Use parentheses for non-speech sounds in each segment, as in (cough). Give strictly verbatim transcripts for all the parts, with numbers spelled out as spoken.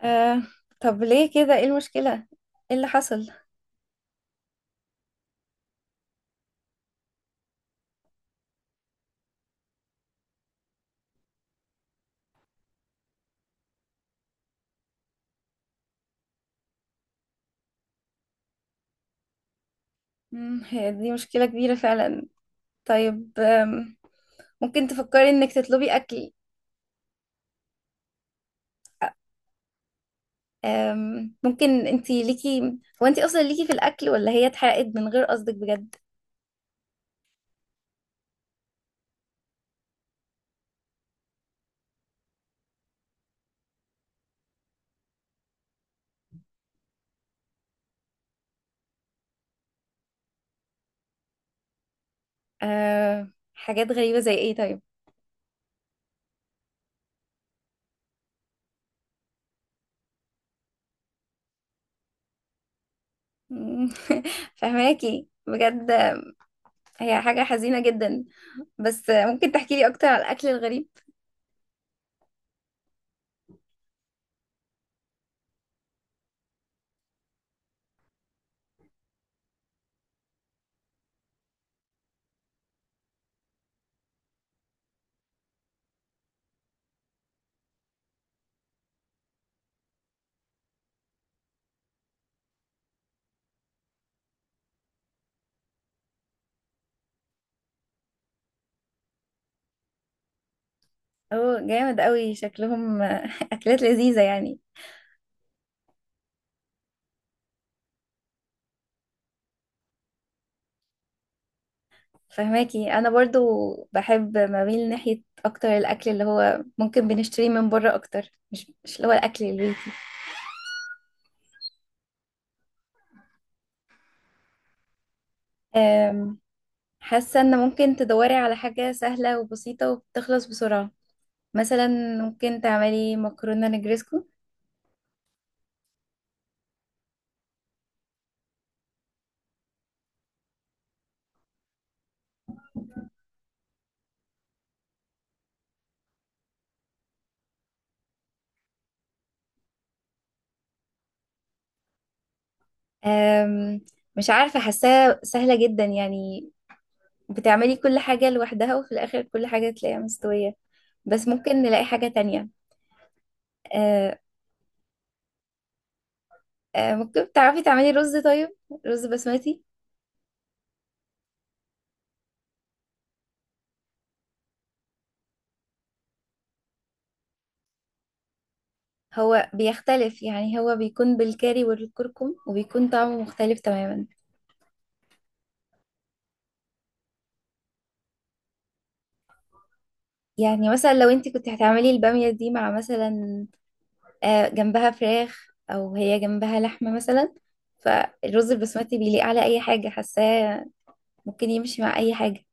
آه. طب ليه كده؟ ايه المشكلة؟ ايه اللي حصل؟ مم، هي دي مشكلة كبيرة فعلا. طيب. آم، ممكن تفكري انك تطلبي اكل. آم، ممكن انتي ليكي. هو انتي اصلا ليكي في الاكل، ولا هي اتحرقت من غير قصدك بجد؟ آه، حاجات غريبة زي ايه طيب؟ مم، (laughs) فهماكي بجد. هي حاجة حزينة جدا. بس آه، ممكن تحكي لي اكتر على الاكل الغريب. اوه جامد قوي شكلهم، آه، (laughs) اكلات لذيذة يعني. فهماكي انا برضو، بحب بميل ناحية اكتر الاكل اللي هو ممكن بنشتريه من بره اكتر، مش مش اللي هو الاكل البيتي. أم، حاسة ان ممكن تدوري على حاجة سهلة وبسيطة وبتخلص بسرعة، مثلا ممكن تعملي مكرونة نجريسكو. أم، مش عارفة حاساها سهلة جدا يعني. بتعملي كل حاجة لوحدها وفي الاخر كل حاجة تلاقيها مستوية، بس ممكن نلاقي حاجة تانية. أه، أه، ممكن تعرفي تعملي رز طيب، رز بسمتي. هو بيختلف يعني، هو بيكون بالكاري والكركم وبيكون طعمه مختلف تماما. يعني مثلا لو انت كنت هتعملي البامية دي مع مثلا، آه، جنبها فراخ او هي جنبها لحمة مثلا. فالرز البسمتي بيليق على اي حاجة حاساه، ممكن يمشي مع اي حاجة.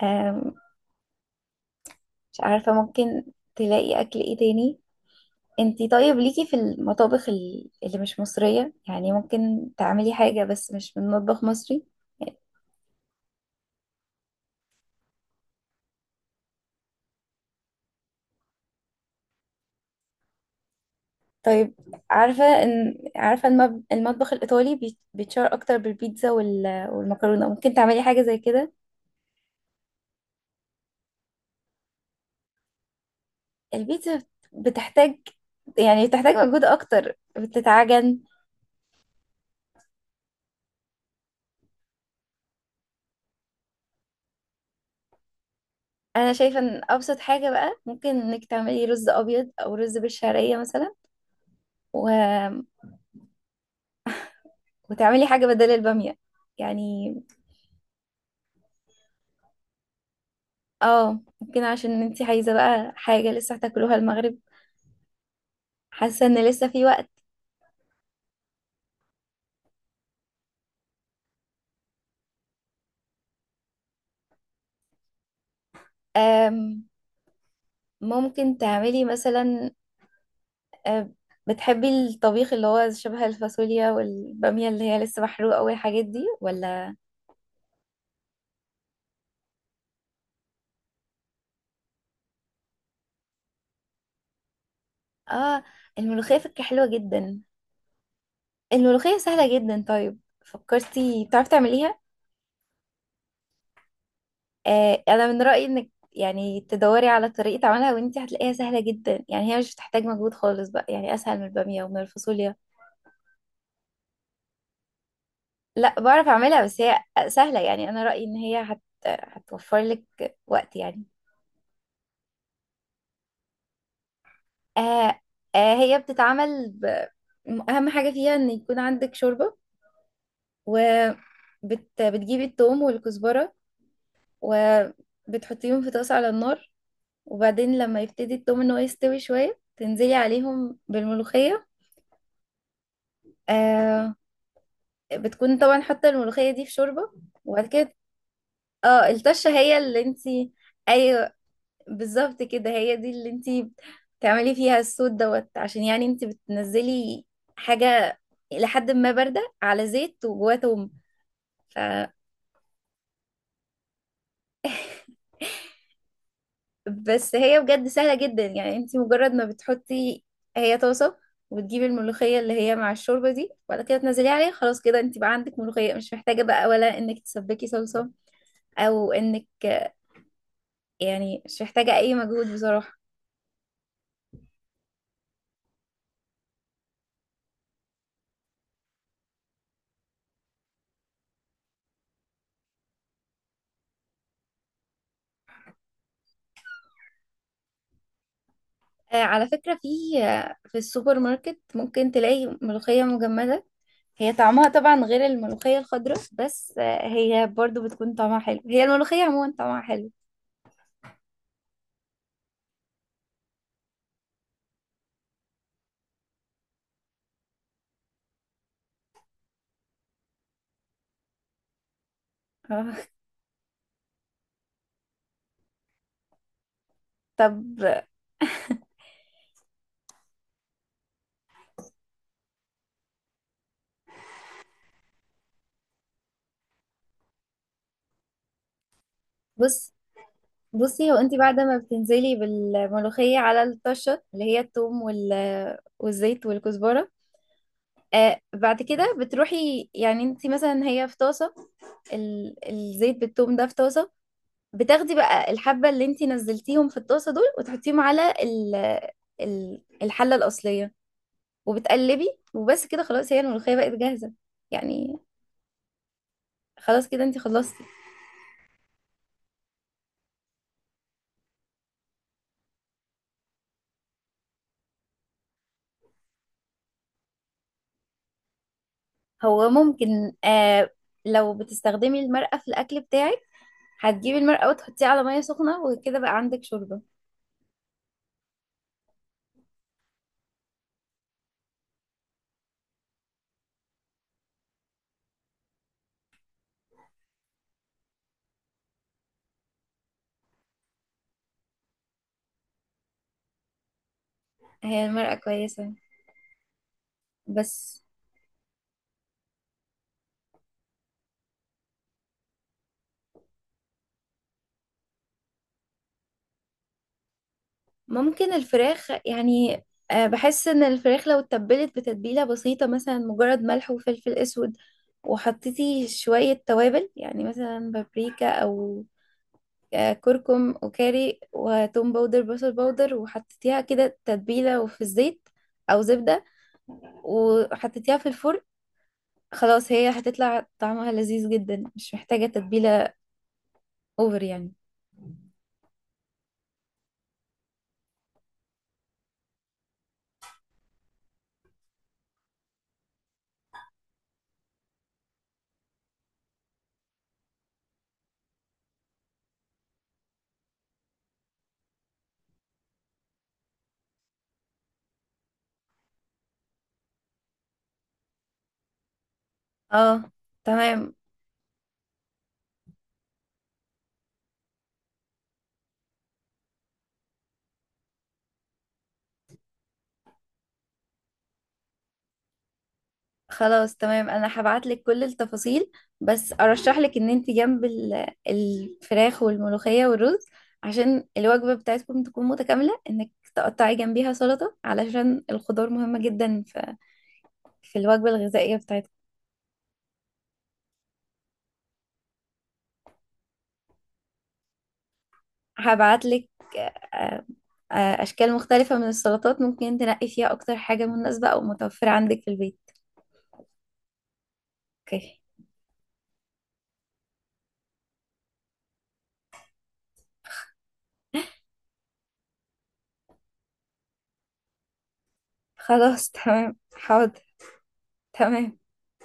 آم، مش عارفة، ممكن تلاقي اكل ايه تاني. انتي طيب ليكي في المطابخ ال- اللي مش مصرية، يعني ممكن تعملي حاجة بس مش من مطبخ مصري. طيب. عارفة ان عارفة المب... المطبخ الإيطالي بيت- بيتشهر أكتر بالبيتزا وال... والمكرونة، ممكن تعملي حاجة زي كده. البيتزا بت- بتحتاج، يعني بتحتاج مجهود أكتر، بتتعجن. أنا شايفة إن أبسط حاجة بقى ممكن إنك تعملي رز أبيض أو رز بالشعرية مثلا و... وتعملي حاجة بدل البامية يعني. اه، ممكن عشان انتي عايزة بقى حاجة لسه هتاكلوها المغرب، حاسة ان لسه في وقت. أم... ممكن تعملي مثلا، آه، بتحبي الطبيخ اللي هو شبه الفاصوليا والبامية اللي هي لسه محروقة والحاجات دي، ولا؟ اه، الملوخية فكرة حلوة جدا. الملوخية سهلة جدا طيب، فكرتي بتعرفي تعمليها؟ آه انا من رأيي انك يعني تدوري على طريقة عملها، وانتي هتلاقيها سهلة جدا يعني، هي مش بتحتاج مجهود خالص بقى يعني، اسهل من البامية ومن الفاصوليا. لا، بعرف اعملها بس هي سهلة يعني، انا رأيي ان هي هت... هتوفر لك وقت يعني. آه آه هي بتتعمل ب... أهم حاجة فيها إن يكون عندك شوربة. وبتجيبي التوم والكزبرة، وبتحطيهم في طاسة على النار، وبعدين لما يبتدي التوم إن هو يستوي شوية تنزلي عليهم بالملوخية. آه بتكون طبعا حاطة الملوخية دي في شوربة. وبعد كده، اه، الطشة هي اللي انتي. أي، بالظبط كده، هي دي اللي انتي بتعملي فيها الصوت دوت، عشان يعني انتي بتنزلي حاجة لحد ما باردة على زيت وجواه توم. ف... بس هي بجد سهلة جدا يعني. انتي مجرد ما بتحطي، هي طاسة، وتجيبي الملوخية اللي هي مع الشوربة دي، وبعد كده تنزلي عليها، خلاص كده انتي بقى عندك ملوخية، مش محتاجة بقى ولا انك تسبكي صلصة او انك، يعني مش محتاجة اي مجهود بصراحة. آه، على فكرة في، آه، في السوبر ماركت ممكن تلاقي ملوخية مجمدة. هي طعمها طبعا غير الملوخية الخضراء، بس آه، هي برضو بتكون طعمها حلو، هي الملوخية عموما طعمها حلو. آه، طب بص بصي، هو انت بعد ما بتنزلي بالملوخية على الطشة اللي هي الثوم وال... والزيت والكزبرة، آه بعد كده بتروحي يعني، انت مثلا هي في طاسة، ال... الزيت بالثوم ده في طاسة، بتاخدي بقى الحبة اللي انت نزلتيهم في الطاسة دول، وتحطيهم على ال... ال... الحلة الأصلية، وبتقلبي، وبس كده خلاص هي الملوخية بقت جاهزة يعني. خلاص كده انتي خلصتي. هو ممكن، آه لو بتستخدمي المرقة في الأكل بتاعك، هتجيبي المرقة وتحطيها على مية سخنة وكده بقى عندك شوربة. هي المرقة كويسة. بس ممكن الفراخ يعني، آه بحس ان الفراخ لو اتبلت بتتبيلة بسيطة، مثلا مجرد ملح وفلفل اسود، وحطيتي شوية توابل يعني مثلا بابريكا، أو آه، كركم وكاري وتوم باودر بصل باودر، وحطيتيها كده تتبيلة وفي الزيت أو زبدة، وحطيتيها في الفرن، خلاص هي هتطلع طعمها لذيذ جدا مش محتاجة تتبيلة اوفر يعني. اه، تمام. خلاص تمام، انا هبعتلك كل التفاصيل. بس ارشحلك ان انت جنب ال- الفراخ والملوخية والرز، عشان الوجبة بتاعتكم تكون متكاملة، انك تقطعي جنبيها سلطة، علشان الخضار مهمة جدا في في الوجبة الغذائية بتاعتكم. هبعتلك آه، آه، أشكال مختلفة من السلطات، ممكن تنقي فيها أكتر حاجة مناسبة أو متوفرة عندك في البيت. أوكي. خلاص تمام حاضر. تمام.